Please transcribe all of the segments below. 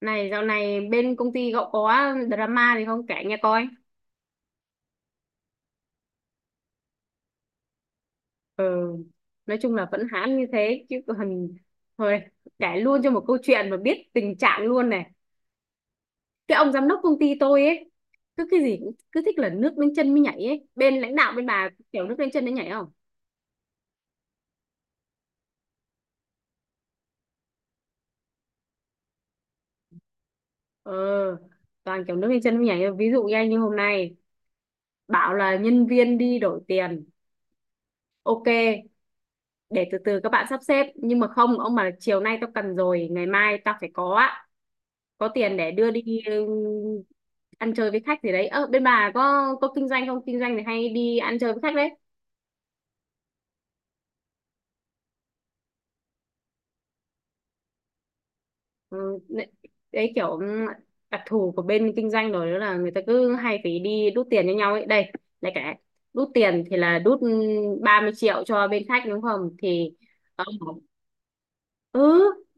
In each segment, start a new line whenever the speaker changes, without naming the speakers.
Này dạo này bên công ty cậu có drama gì không kể nghe coi. Ừ, nói chung là vẫn hãm như thế chứ còn thôi, kể luôn cho một câu chuyện mà biết tình trạng luôn này. Cái ông giám đốc công ty tôi ấy cứ cái gì cũng cứ thích là nước đến chân mới nhảy ấy. Bên lãnh đạo bên bà kiểu nước đến chân mới nhảy không? Ờ, Toàn kiểu nước lên chân mới nhảy. Ví dụ như anh như hôm nay bảo là nhân viên đi đổi tiền. Ok, để từ từ các bạn sắp xếp. Nhưng mà không, ông bảo là chiều nay tao cần rồi, ngày mai tao phải có tiền để đưa đi ăn chơi với khách gì đấy. Ờ Bên bà có kinh doanh không, kinh doanh thì hay đi ăn chơi với khách đấy. Ừ, Đấy, kiểu đặc thù của bên kinh doanh rồi, đó là người ta cứ hay phải đi đút tiền cho nhau ấy. Đây lại cả đút tiền, thì là đút 30 triệu cho bên khách đúng không. Thì ờ, ừ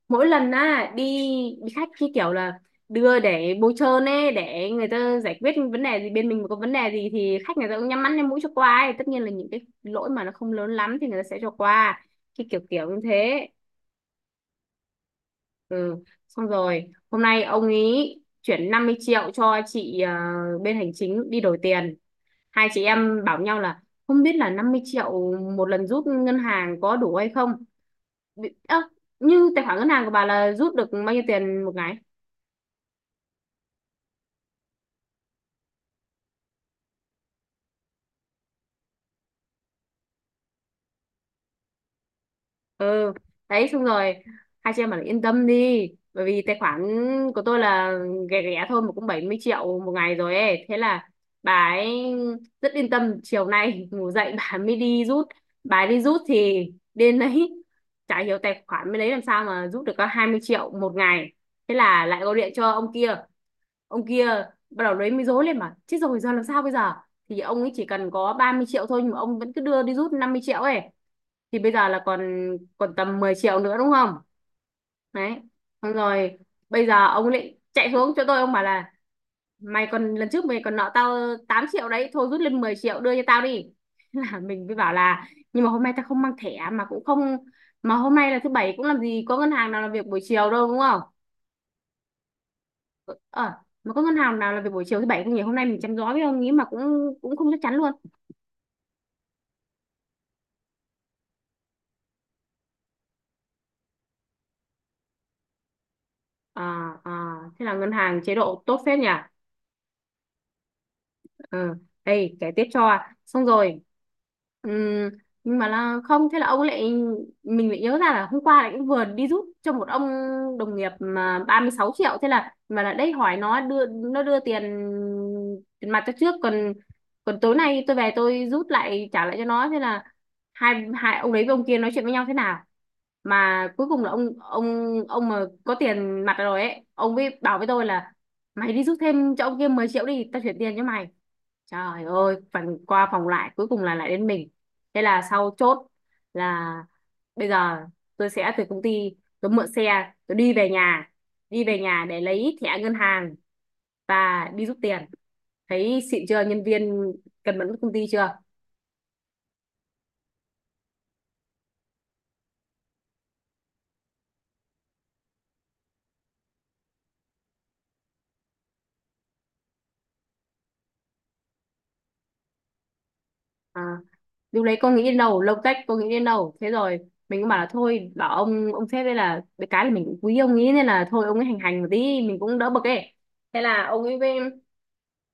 Mỗi lần á đi đi khách cái kiểu là đưa để bôi trơn ấy, để người ta giải quyết vấn đề. Gì bên mình mà có vấn đề gì thì khách người ta cũng nhắm mắt nhắm mũi cho qua ấy. Tất nhiên là những cái lỗi mà nó không lớn lắm thì người ta sẽ cho qua, cái kiểu kiểu như thế. Ừ Xong rồi hôm nay ông ý chuyển 50 triệu cho chị bên hành chính đi đổi tiền. Hai chị em bảo nhau là không biết là 50 triệu một lần rút ngân hàng có đủ hay không. Bị- ơ, Như tài khoản ngân hàng của bà là rút được bao nhiêu tiền một ngày? ừ Đấy, xong rồi hai chị em bảo là yên tâm đi, bởi vì tài khoản của tôi là ghẻ ghẻ thôi mà cũng 70 triệu một ngày rồi ấy. Thế là bà ấy rất yên tâm, chiều nay ngủ dậy bà mới đi rút. Bà ấy đi rút thì đến đấy chả hiểu tài khoản mới đấy làm sao mà rút được có 20 triệu một ngày. Thế là lại gọi điện cho ông kia, ông kia bắt đầu lấy mới rối lên, mà chết rồi giờ làm sao bây giờ. Thì ông ấy chỉ cần có 30 triệu thôi nhưng mà ông vẫn cứ đưa đi rút 50 triệu ấy. Thì bây giờ là còn còn tầm 10 triệu nữa đúng không. Đấy, xong rồi bây giờ ông lại chạy xuống cho tôi, ông bảo là mày còn, lần trước mày còn nợ tao 8 triệu đấy thôi, rút lên 10 triệu đưa cho tao đi. Là mình mới bảo là nhưng mà hôm nay tao không mang thẻ, mà cũng không, mà hôm nay là thứ bảy cũng làm gì có ngân hàng nào làm việc buổi chiều đâu đúng không. ờ mà có ngân hàng nào làm việc buổi chiều thứ bảy không nhỉ? Hôm nay mình chăm gió với ông nghĩ mà cũng cũng không chắc chắn luôn. à, à Thế là ngân hàng chế độ tốt phết nhỉ. ờ Đây kể tiếp cho, xong rồi ừm, nhưng mà là không, thế là ông lại, mình lại nhớ ra là hôm qua lại cũng vừa đi giúp cho một ông đồng nghiệp mà 36 triệu. Thế là mà là đây hỏi nó, đưa nó, đưa tiền tiền mặt cho trước, còn còn tối nay tôi về tôi rút lại trả lại cho nó. Thế là hai hai ông đấy với ông kia nói chuyện với nhau thế nào mà cuối cùng là ông ông mà có tiền mặt rồi ấy ông ấy bảo với tôi là mày đi rút thêm cho ông kia 10 triệu đi, tao chuyển tiền cho mày. Trời ơi, phần qua phòng lại cuối cùng là lại đến mình. Thế là sau chốt là bây giờ tôi sẽ từ công ty tôi mượn xe, tôi đi về nhà để lấy thẻ ngân hàng và đi rút tiền. Thấy xịn chưa, nhân viên cần mẫn với công ty chưa? À, lúc đấy con nghĩ đến đâu lông tách con nghĩ đến đâu. Thế rồi mình cũng bảo là thôi, bảo ông sếp đây là cái là mình cũng quý ông ấy nên là thôi, ông ấy hành hành một tí mình cũng đỡ bực ấy. Thế là ông ấy với-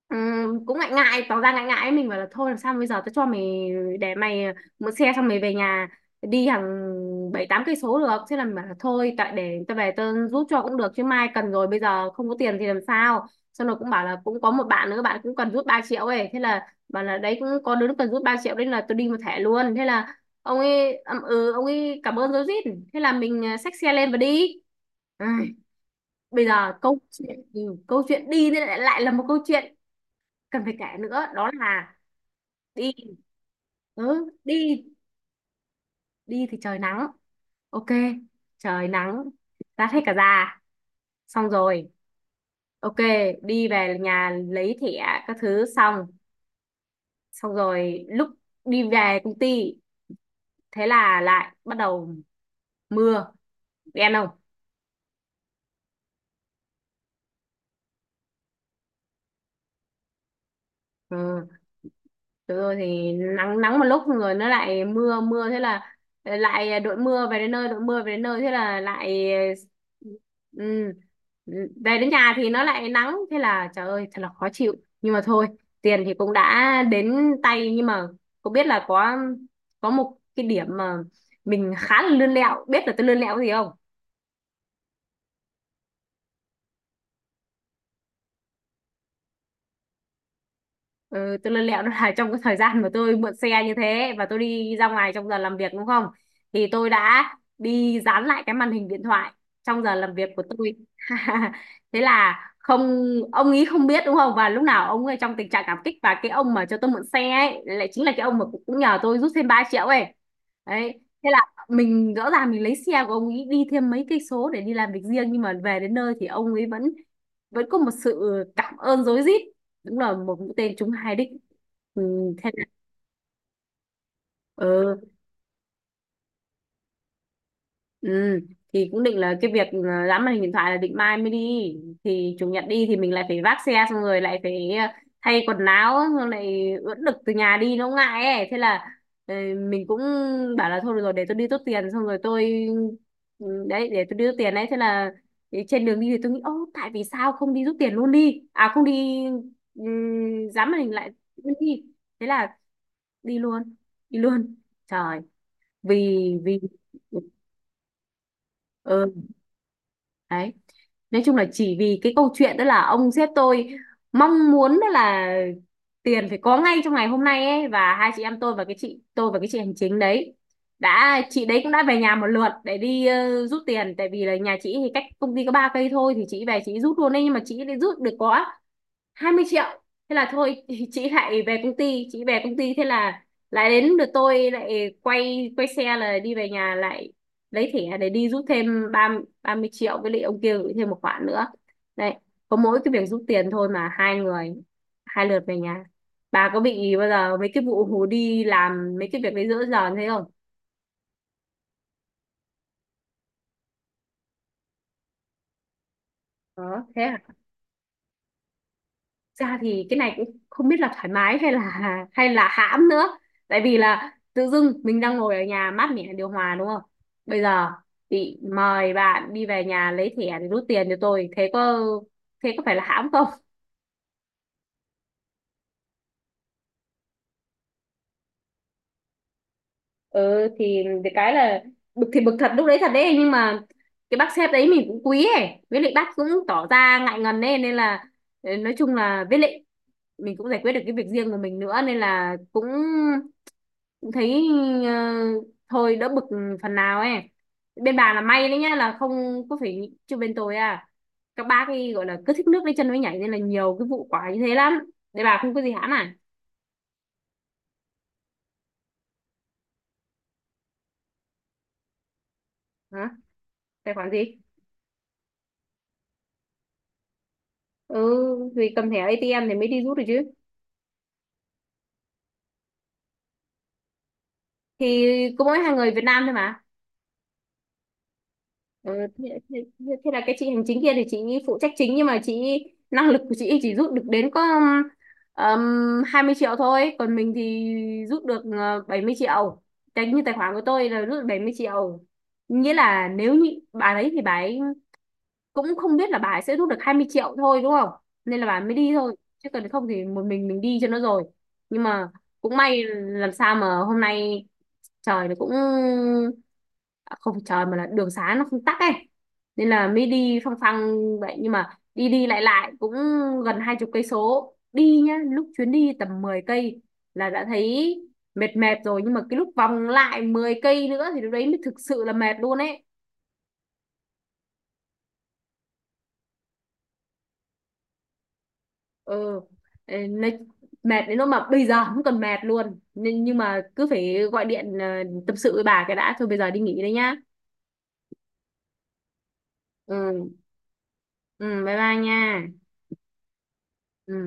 cũng ngại ngại, tỏ ra ngại ngại ấy. Mình bảo là thôi làm sao bây giờ, tao cho mày, để mày mượn xe xong mày về nhà đi hàng 7-8 cây số được. Thế là mình bảo là thôi tại để tao về tao giúp cho cũng được, chứ mai cần rồi bây giờ không có tiền thì làm sao. Xong rồi cũng bảo là cũng có một bạn nữa, bạn cũng cần rút 3 triệu ấy. Thế là bảo là đấy cũng có đứa nó cần rút 3 triệu nên là tôi đi một thẻ luôn. Thế là ông ấy ậm ừ, ông ấy cảm ơn rối rít. Thế là mình xách xe lên và đi. Ai, bây giờ câu chuyện câu chuyện đi thì lại lại là một câu chuyện cần phải kể nữa, đó là đi, ừ, đi đi thì trời nắng, ok, trời nắng rát hết cả da. Xong rồi ok, đi về nhà lấy thẻ các thứ xong, xong rồi lúc đi về công ty thế là lại bắt đầu mưa đen không. Ừ, được rồi thì nắng nắng một lúc rồi nó lại mưa mưa. Thế là lại đội mưa về đến nơi, đội mưa về đến nơi. Thế là lại ừ, về đến nhà thì nó lại nắng. Thế là trời ơi thật là khó chịu, nhưng mà thôi, tiền thì cũng đã đến tay. Nhưng mà cũng biết là có một cái điểm mà mình khá là lươn lẹo, biết là tôi lươn lẹo cái gì không? Ừ, tôi lơ lẹo đó là trong cái thời gian mà tôi mượn xe như thế và tôi đi ra ngoài trong giờ làm việc đúng không? Thì tôi đã đi dán lại cái màn hình điện thoại trong giờ làm việc của tôi. Thế là không, ông ý không biết đúng không? Và lúc nào ông ấy trong tình trạng cảm kích và cái ông mà cho tôi mượn xe ấy lại chính là cái ông mà cũng cũng nhờ tôi rút thêm 3 triệu ấy. Đấy, thế là mình rõ ràng mình lấy xe của ông ấy đi thêm mấy cây số để đi làm việc riêng, nhưng mà về đến nơi thì ông ấy vẫn vẫn có một sự cảm ơn rối rít. Đúng là một mũi tên trúng hai đích. ừ, Thế là, ừ, ừ. thì cũng định là cái việc là dán màn hình điện thoại là định mai mới đi, thì chủ nhật đi thì mình lại phải vác xe, xong rồi lại phải thay quần áo, xong lại ướt đực từ nhà đi nó ngại ấy. Thế là ờ, mình cũng bảo là thôi được rồi, để tôi đi tốt tiền xong rồi tôi đấy, để tôi đi rút tiền đấy. Thế là thì trên đường đi thì tôi nghĩ ô tại vì sao không đi rút tiền luôn đi, à không đi dán màn hình lại luôn đi. Thế là đi luôn, đi luôn trời, vì vì ừ đấy, nói chung là chỉ vì cái câu chuyện đó là ông sếp tôi mong muốn đó là tiền phải có ngay trong ngày hôm nay ấy. Và hai chị em tôi và cái chị tôi và cái chị hành chính đấy, đã chị đấy cũng đã về nhà một lượt để đi rút tiền, tại vì là nhà chị thì cách công ty có 3 cây thôi thì chị về chị rút luôn đấy. Nhưng mà chị lại rút được có 20 triệu. Thế là thôi chị lại về công ty, chị về công ty. Thế là lại đến lượt tôi lại quay quay xe là đi về nhà lại lấy thẻ để đi rút thêm 30 triệu với lại ông kia gửi thêm một khoản nữa. Đấy, có mỗi cái việc rút tiền thôi mà hai người hai lượt về nhà. Bà có bị bao giờ mấy cái vụ hù đi làm mấy cái việc đấy giữa giờ thế không? Có thế hả? Ra thì cái này cũng không biết là thoải mái hay là hãm nữa, tại vì là tự dưng mình đang ngồi ở nhà mát mẻ điều hòa đúng không, bây giờ bị mời bạn đi về nhà lấy thẻ để rút tiền cho tôi, thế có, thế có phải là hãm không. Ừ thì cái là bực thì bực thật lúc đấy thật đấy nhưng mà cái bác sếp đấy mình cũng quý ấy, với lại bác cũng tỏ ra ngại ngần ấy, nên là nói chung là với lại mình cũng giải quyết được cái việc riêng của mình nữa, nên là cũng thấy ờ, thôi đỡ bực phần nào ấy. Bên bà là may đấy nhá, là không có phải chứ bên tôi à, các bác ấy gọi là cứ thích nước lấy chân mới nhảy nên là nhiều cái vụ quả như thế lắm. Để bà không có gì hãm à? Hả, tài khoản gì? ừ Vì cầm thẻ ATM thì mới đi rút được chứ. Thì có mỗi hai người Việt Nam thôi mà. Ờ, thế, thế, thế là cái chị hành chính kia thì chị phụ trách chính nhưng mà chị, năng lực của chị chỉ rút được đến có 20 triệu thôi. Còn mình thì rút được 70 triệu, tài như tài khoản của tôi là rút được 70 triệu. Nghĩa là nếu như bà đấy thì bà ấy cũng không biết là bà ấy sẽ rút được 20 triệu thôi đúng không, nên là bà ấy mới đi thôi. Chứ còn không thì một mình đi cho nó rồi. Nhưng mà cũng may làm sao mà hôm nay trời nó cũng à, không phải trời mà là đường xá nó không tắc ấy, nên là mới đi phăng phăng vậy. Nhưng mà đi đi lại lại cũng gần 20 cây số đi nhá. Lúc chuyến đi tầm 10 cây là đã thấy mệt mệt rồi, nhưng mà cái lúc vòng lại 10 cây nữa thì lúc đấy mới thực sự là mệt luôn ấy. ừ nói- mệt đến lúc mà bây giờ không còn mệt luôn, nhưng mà cứ phải gọi điện tâm sự với bà cái đã. Thôi bây giờ đi nghỉ đây nhá. Ừ. Ừ, bye bye nha. Ừ.